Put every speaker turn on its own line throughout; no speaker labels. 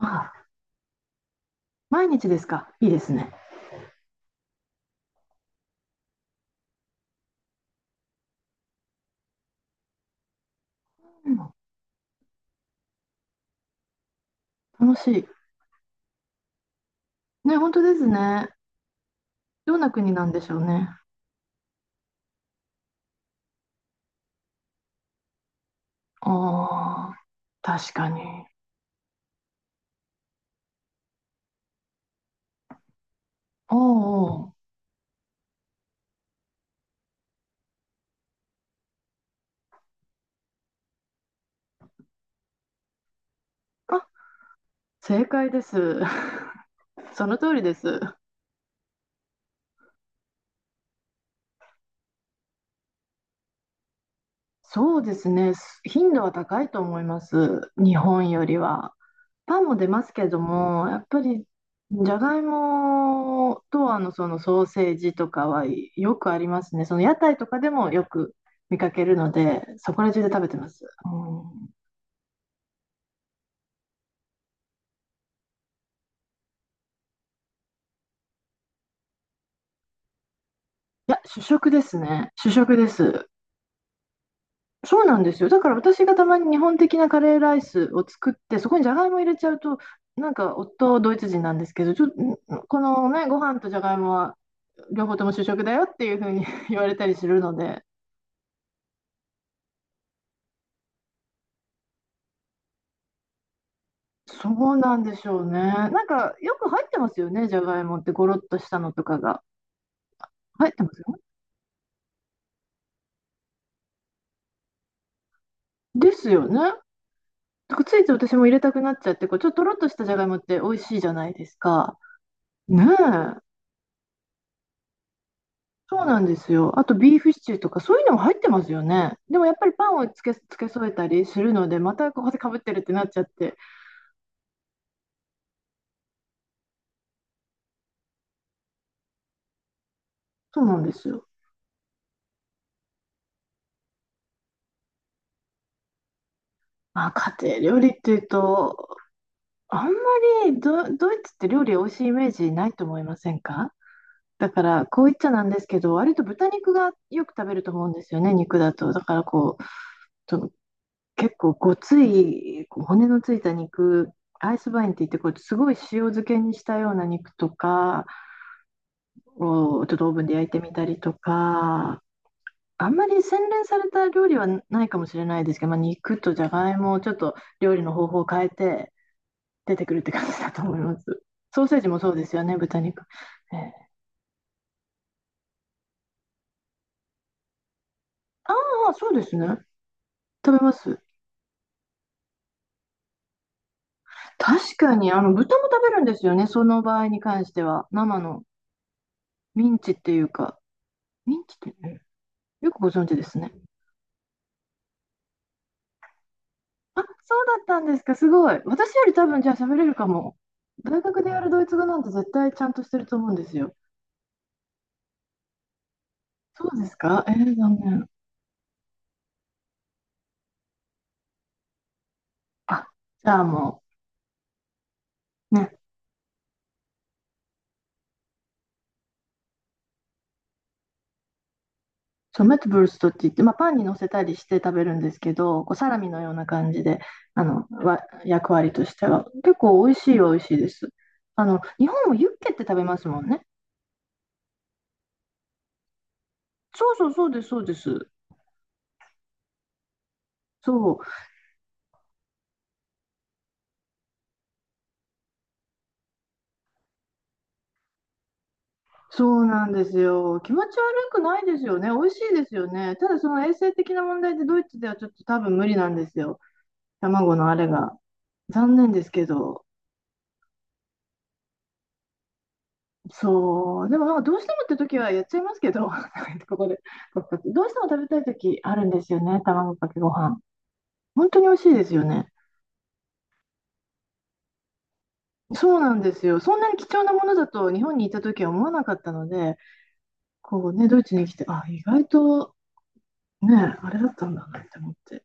あ、毎日ですか。いいですね。うん、楽しい。ね、本当ですね。どんな国なんでしょうね。ああ、確かに。おうおう。あ、正解です。その通りです。そうですね。頻度は高いと思います。日本よりは。パンも出ますけども、やっぱりじゃがいもとあのそのソーセージとかはよくありますね。その屋台とかでもよく見かけるので、そこら中で食べてます。うん、いや、主食ですね。主食です。そうなんですよ。だから私がたまに日本的なカレーライスを作って、そこにじゃがいも入れちゃうと、なんか夫ドイツ人なんですけど、このね、ご飯とじゃがいもは両方とも主食だよっていうふうに 言われたりするので。そうなんでしょうね。なんか、よく入ってますよね、じゃがいもって、ゴロッとしたのとかが。入ってますよね。ですよね。だからついつい私も入れたくなっちゃって、こう、ちょっととろっとしたじゃがいもって美味しいじゃないですか。ねえ。そうなんですよ。あと、ビーフシチューとか、そういうのも入ってますよね。でも、やっぱりパンをつけ、つけ添えたりするので、またここでかぶってるってなっちゃって。そうなんですよ。まあ、家庭料理っていうと、あんまりドイツって料理美味しいイメージないと思いませんか？だから、こう言っちゃなんですけど、割と豚肉がよく食べると思うんですよね、肉だと。だからこう、その結構ごつい、こう骨のついた肉、アイスバインって言って、こうすごい塩漬けにしたような肉とかをちょっとオーブンで焼いてみたりとか、あんまり洗練された料理はないかもしれないですけど、まあ、肉とじゃがいもをちょっと料理の方法を変えて出てくるって感じだと思います。ソーセージもそうですよね、豚肉。えーああ、そうですね。食べます。確かに、あの、豚も食べるんですよね、その場合に関しては。生のミンチっていうか、ミンチってね、よくご存知ですね。あ、そうだったんですか、すごい。私より多分、じゃあ喋れるかも。大学でやるドイツ語なんて絶対ちゃんとしてると思うんですよ。そうですか？えー、残念。あ、じゃあもう、ね、そう、メットブルストって言って、まあ、パンに乗せたりして食べるんですけど、こうサラミのような感じで、役割としては。結構美味しいは美味しいです。あの、日本もユッケって食べますもんね。そうそうそうです、そうです。そう、そうなんですよ。気持ち悪くないですよね。美味しいですよね。ただその衛生的な問題でドイツではちょっと多分無理なんですよ。卵のあれが。残念ですけど。そう。でもなんかどうしてもって時はやっちゃいますけど、ここで。どうしても食べたい時あるんですよね。卵かけご飯。本当に美味しいですよね。そうなんですよ。そんなに貴重なものだと日本にいた時は思わなかったので、こうね、ドイツに来て、あ、意外とねえ、あれだったんだなって思って。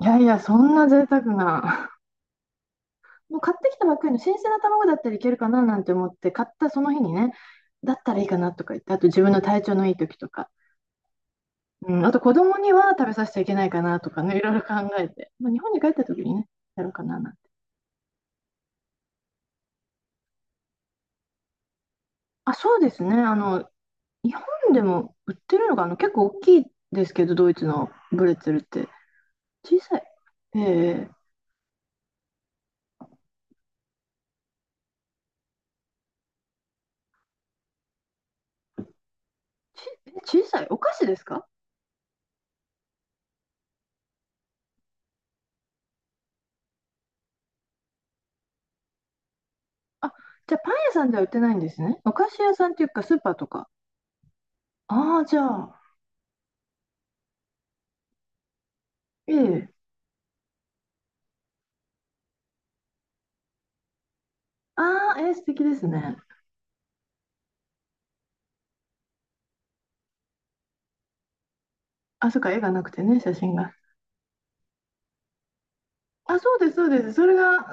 いやいや、そんな贅沢な。もう買ってきたばっかりの新鮮な卵だったらいけるかななんて思って、買ったその日にね、だったらいいかなとか言って、あと自分の体調のいい時とか、うん、あと子供には食べさせちゃいけないかなとかね、いろいろ考えて、まあ、日本に帰った時にね、やろうかななんて。あ、そうですね。あの、日本でも売ってるのが、あの、結構大きいですけど、ドイツのブレッツェルって。小さい。えー、小さい。お菓子ですか？あ、じゃあパン屋さんでは売ってないんですね。お菓子屋さんっていうかスーパーとか。ああ、じゃあ、ええ。ああ、ええ、素敵ですね。あ、そっか、絵がなくてね、写真が。あ、そうです、そうです。それが、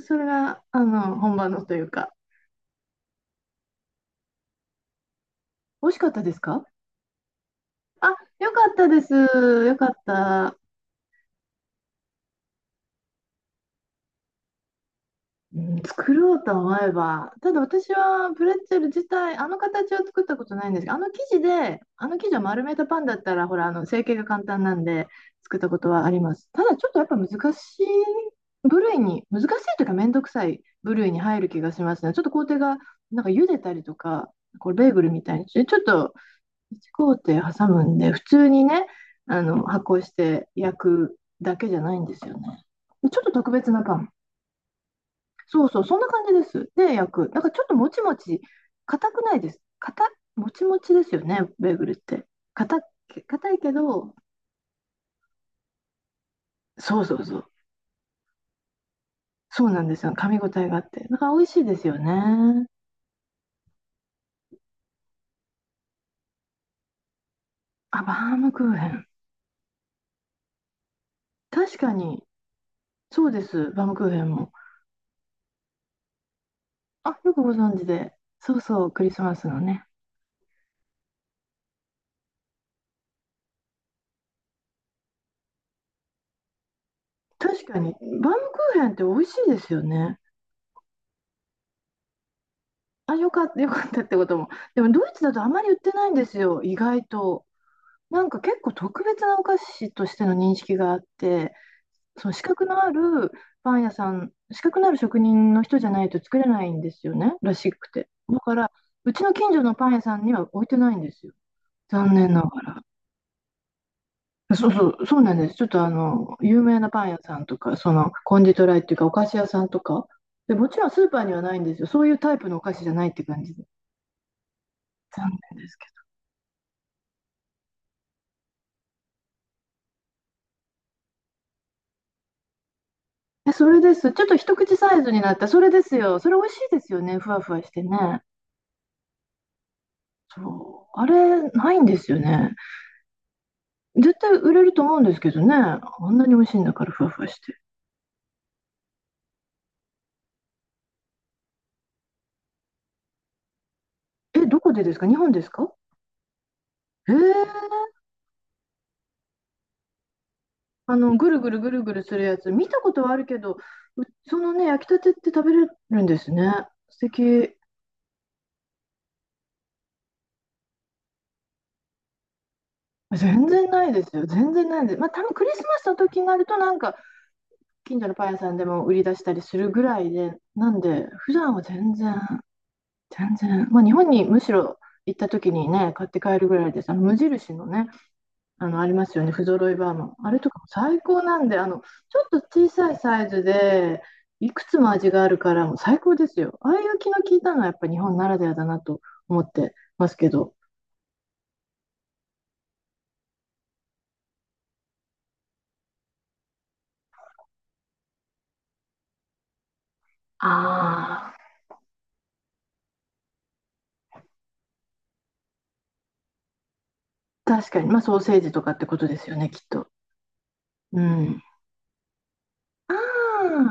それが、あの、本場のというか。美味しかったですか？あ、よかったです。よかった。うん、作ろうと思えば、ただ私はプレッツェル自体、あの形を作ったことないんですがあの生地で、あの生地を丸めたパンだったら、ほら、あの成形が簡単なんで、作ったことはあります。ただちょっとやっぱ難しい部類に、難しいというか、めんどくさい部類に入る気がしますね。ちょっと工程が、なんか茹でたりとか、これベーグルみたいにして、ちょっと工程挟むんで、普通にね、あの発酵して焼くだけじゃないんですよね。ちょっと特別なパン。そうそう、そんな感じです。で、焼く。なんかちょっともちもち、硬くないです。硬、もちもちですよね、ベーグルって。硬硬いけど、そうそうそう。そうなんですよ。噛み応えがあって。なんか美味しいですよね。あ、バームクーヘン。確かに、そうです、バームクーヘンも。あ、よくご存知で。そうそう、クリスマスのね。確かに、バームクーヘンって美味しいですよね。あ、よかった、よかったってことも。でも、ドイツだとあまり売ってないんですよ、意外と。なんか結構特別なお菓子としての認識があって、その資格のあるパン屋さん、資格のある職人の人じゃないと作れないんですよね、らしくて。だから、うちの近所のパン屋さんには置いてないんですよ、残念ながら。そうそう、そうなんです。ちょっとあの、有名なパン屋さんとか、そのコンディトライっていうか、お菓子屋さんとか、で、もちろんスーパーにはないんですよ。そういうタイプのお菓子じゃないって感じで。残念ですけど。え、それです。ちょっと一口サイズになった。それですよ。それ美味しいですよね。ふわふわしてね。そう、あれ、ないんですよね。絶対売れると思うんですけどね。あんなに美味しいんだから、ふわふわして。え、どこでですか？日本ですか？えー、あの、ぐるぐるぐるぐるするやつ、見たことはあるけど、うそのね、焼きたてって食べれるんですね。素敵。全然ないですよ。全然ないです。まあ、多分クリスマスの時になると、なんか、近所のパン屋さんでも売り出したりするぐらいで、なんで、普段は全然、まあ、日本にむしろ行った時にね、買って帰るぐらいです。あの無印のね、あの、ありますよね。不揃いバーマン。あれとかも最高なんで、あの、ちょっと小さいサイズで、いくつも味があるから、もう最高ですよ。ああいう気の利いたのはやっぱ日本ならではだなと思ってますけど。ああ、確かに。まあ、ソーセージとかってことですよね、きっと。うん。あ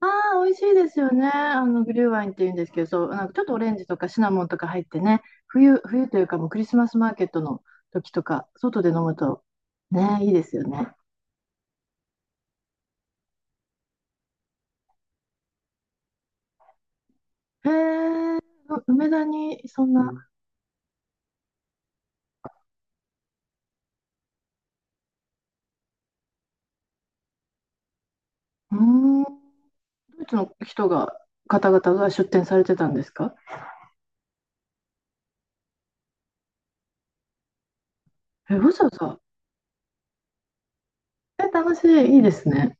ああ、美味しいですよね。あの、グリューワインって言うんですけど、そう、なんかちょっとオレンジとかシナモンとか入ってね、冬というかもうクリスマスマーケットの時とか、外で飲むと、ね、いいですよね。へえ、梅田にそんうな、んうーん、ドイツの人が、方々が出店されてたんですか？え、わざわざ、え、楽しい、いいですね。